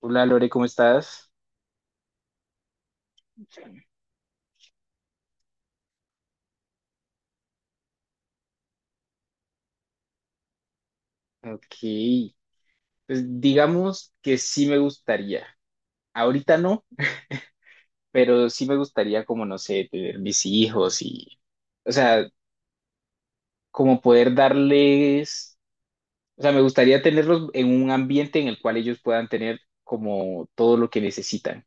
Hola Lore, ¿cómo estás? Ok, pues digamos que sí me gustaría. Ahorita no, pero sí me gustaría como, no sé, tener mis hijos y, o sea, como poder darles, o sea, me gustaría tenerlos en un ambiente en el cual ellos puedan tener como todo lo que necesitan.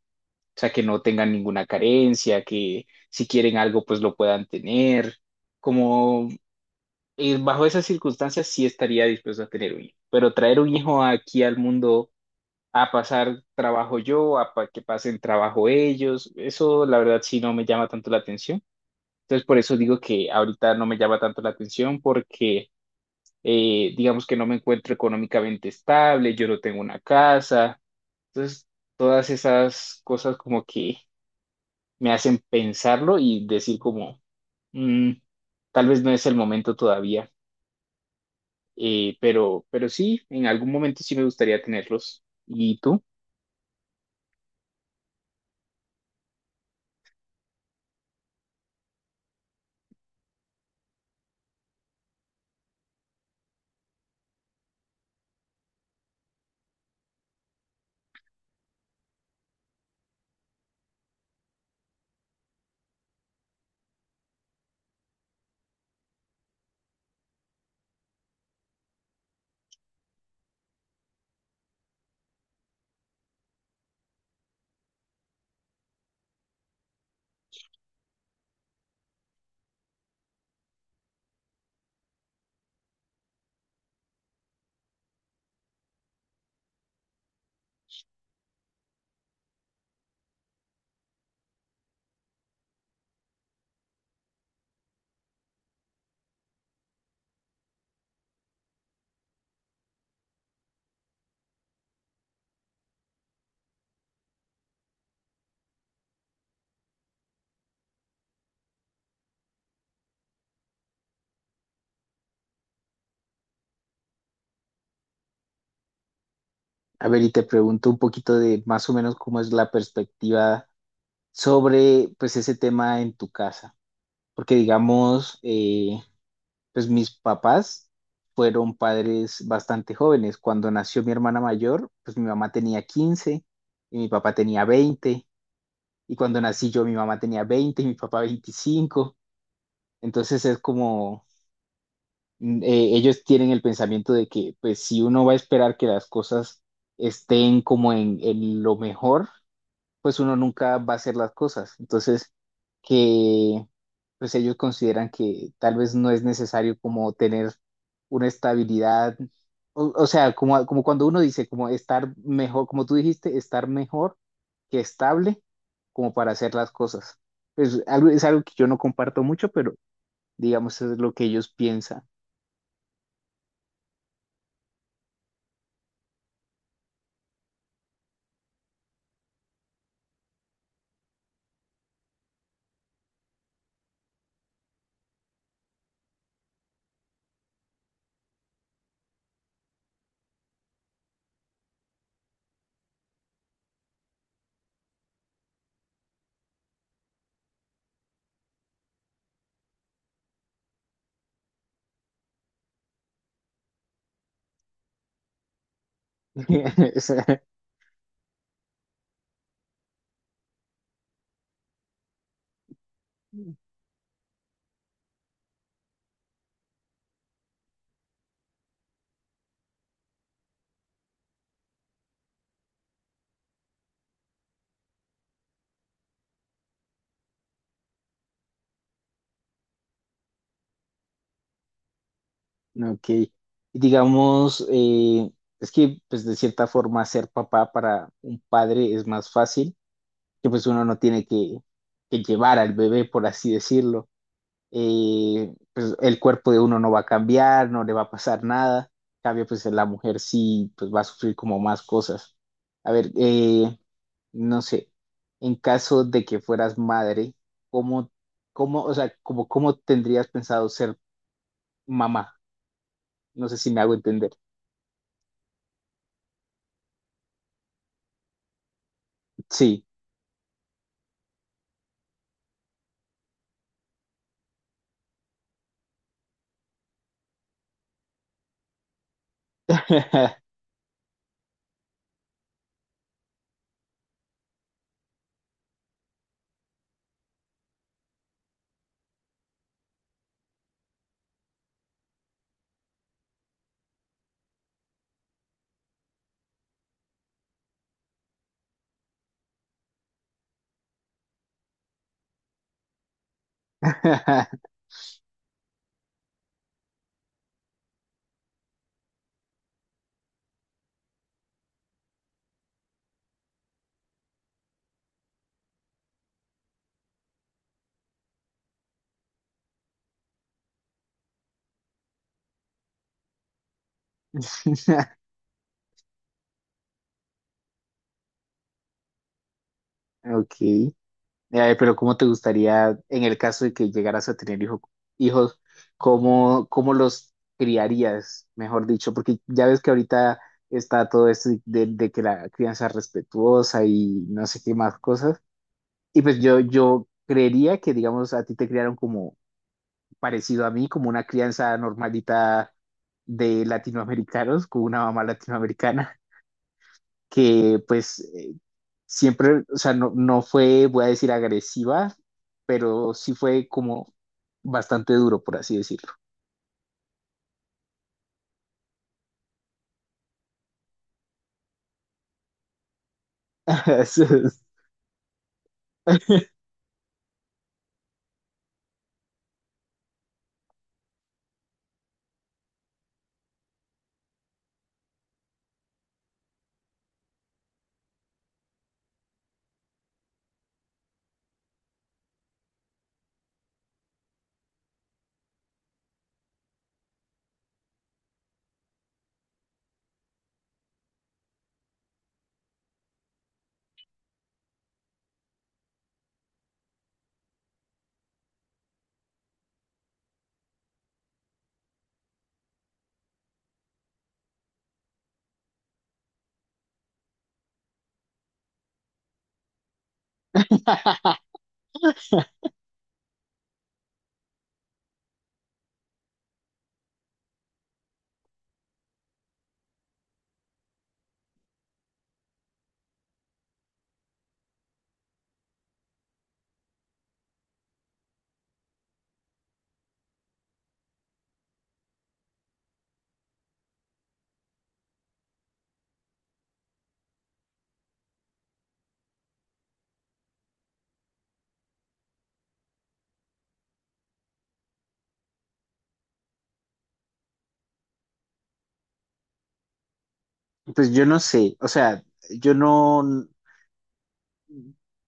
O sea, que no tengan ninguna carencia, que si quieren algo, pues lo puedan tener. Como bajo esas circunstancias sí estaría dispuesto a tener un hijo, pero traer un hijo aquí al mundo a pasar trabajo yo, que pasen trabajo ellos. Eso la verdad sí no me llama tanto la atención. Entonces por eso digo que ahorita no me llama tanto la atención porque digamos que no me encuentro económicamente estable, yo no tengo una casa. Entonces todas esas cosas como que me hacen pensarlo y decir como, "Mm, tal vez no es el momento todavía. Pero sí, en algún momento sí me gustaría tenerlos. ¿Y tú? A ver, y te pregunto un poquito de más o menos cómo es la perspectiva sobre pues ese tema en tu casa, porque digamos, pues mis papás fueron padres bastante jóvenes. Cuando nació mi hermana mayor, pues mi mamá tenía 15 y mi papá tenía 20 y cuando nací yo mi mamá tenía 20 y mi papá 25. Entonces es como, ellos tienen el pensamiento de que pues si uno va a esperar que las cosas estén como en lo mejor, pues uno nunca va a hacer las cosas. Entonces, que pues ellos consideran que tal vez no es necesario como tener una estabilidad, o sea, como, como cuando uno dice, como estar mejor, como tú dijiste, estar mejor que estable, como para hacer las cosas. Es algo que yo no comparto mucho, pero digamos es lo que ellos piensan. Ok. Y digamos, es que pues de cierta forma ser papá para un padre es más fácil, que pues uno no tiene que llevar al bebé, por así decirlo. Pues el cuerpo de uno no va a cambiar, no le va a pasar nada. En cambio, pues la mujer sí pues va a sufrir como más cosas. A ver, no sé, en caso de que fueras madre, ¿cómo, cómo, o sea, como, cómo tendrías pensado ser mamá? No sé si me hago entender. Sí. Ok. Pero ¿cómo te gustaría, en el caso de que llegaras a tener hijos, cómo, cómo los criarías, mejor dicho? Porque ya ves que ahorita está todo esto de que la crianza es respetuosa y no sé qué más cosas. Y pues yo creería que, digamos, a ti te criaron como parecido a mí, como una crianza normalita de latinoamericanos, con una mamá latinoamericana, que pues siempre, o sea, no fue, voy a decir, agresiva, pero sí fue como bastante duro, por así decirlo. Eso es. Pues yo no sé, o sea, yo no,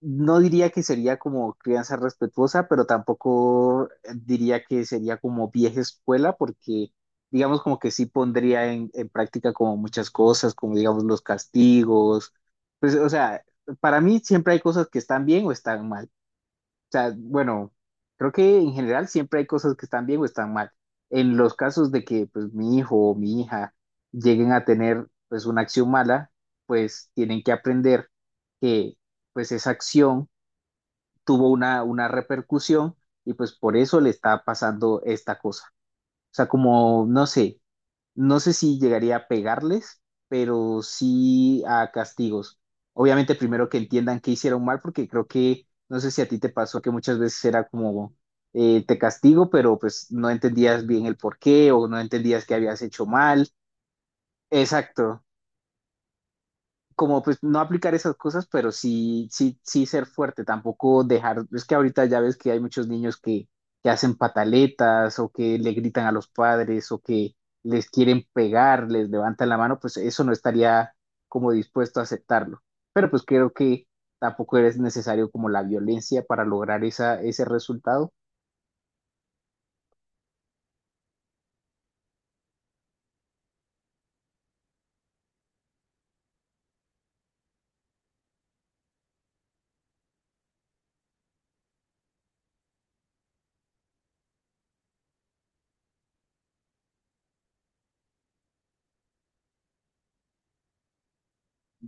no diría que sería como crianza respetuosa, pero tampoco diría que sería como vieja escuela, porque digamos como que sí pondría en práctica como muchas cosas, como digamos los castigos, pues o sea, para mí siempre hay cosas que están bien o están mal. O sea, bueno, creo que en general siempre hay cosas que están bien o están mal. En los casos de que pues mi hijo o mi hija lleguen a tener pues una acción mala, pues tienen que aprender que pues esa acción tuvo una repercusión y pues por eso le está pasando esta cosa. O sea, como, no sé, no sé si llegaría a pegarles, pero sí a castigos. Obviamente primero que entiendan que hicieron mal, porque creo que, no sé si a ti te pasó que muchas veces era como, te castigo, pero pues no entendías bien el por qué o no entendías que habías hecho mal. Exacto, como pues no aplicar esas cosas, pero sí ser fuerte, tampoco dejar, es que ahorita ya ves que hay muchos niños que hacen pataletas o que le gritan a los padres o que les quieren pegar, les levantan la mano, pues eso no estaría como dispuesto a aceptarlo. Pero pues creo que tampoco es necesario como la violencia para lograr esa, ese resultado.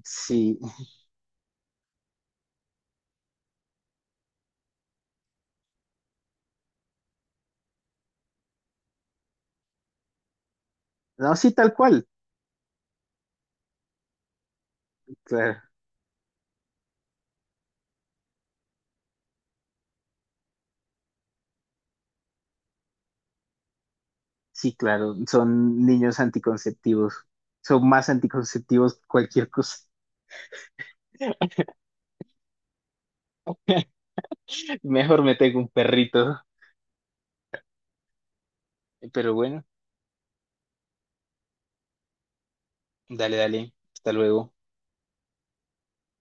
Sí, no, sí, tal cual. Claro, sí, claro, son niños anticonceptivos, son más anticonceptivos que cualquier cosa. Mejor me tengo un perrito. Pero bueno, dale, dale. Hasta luego.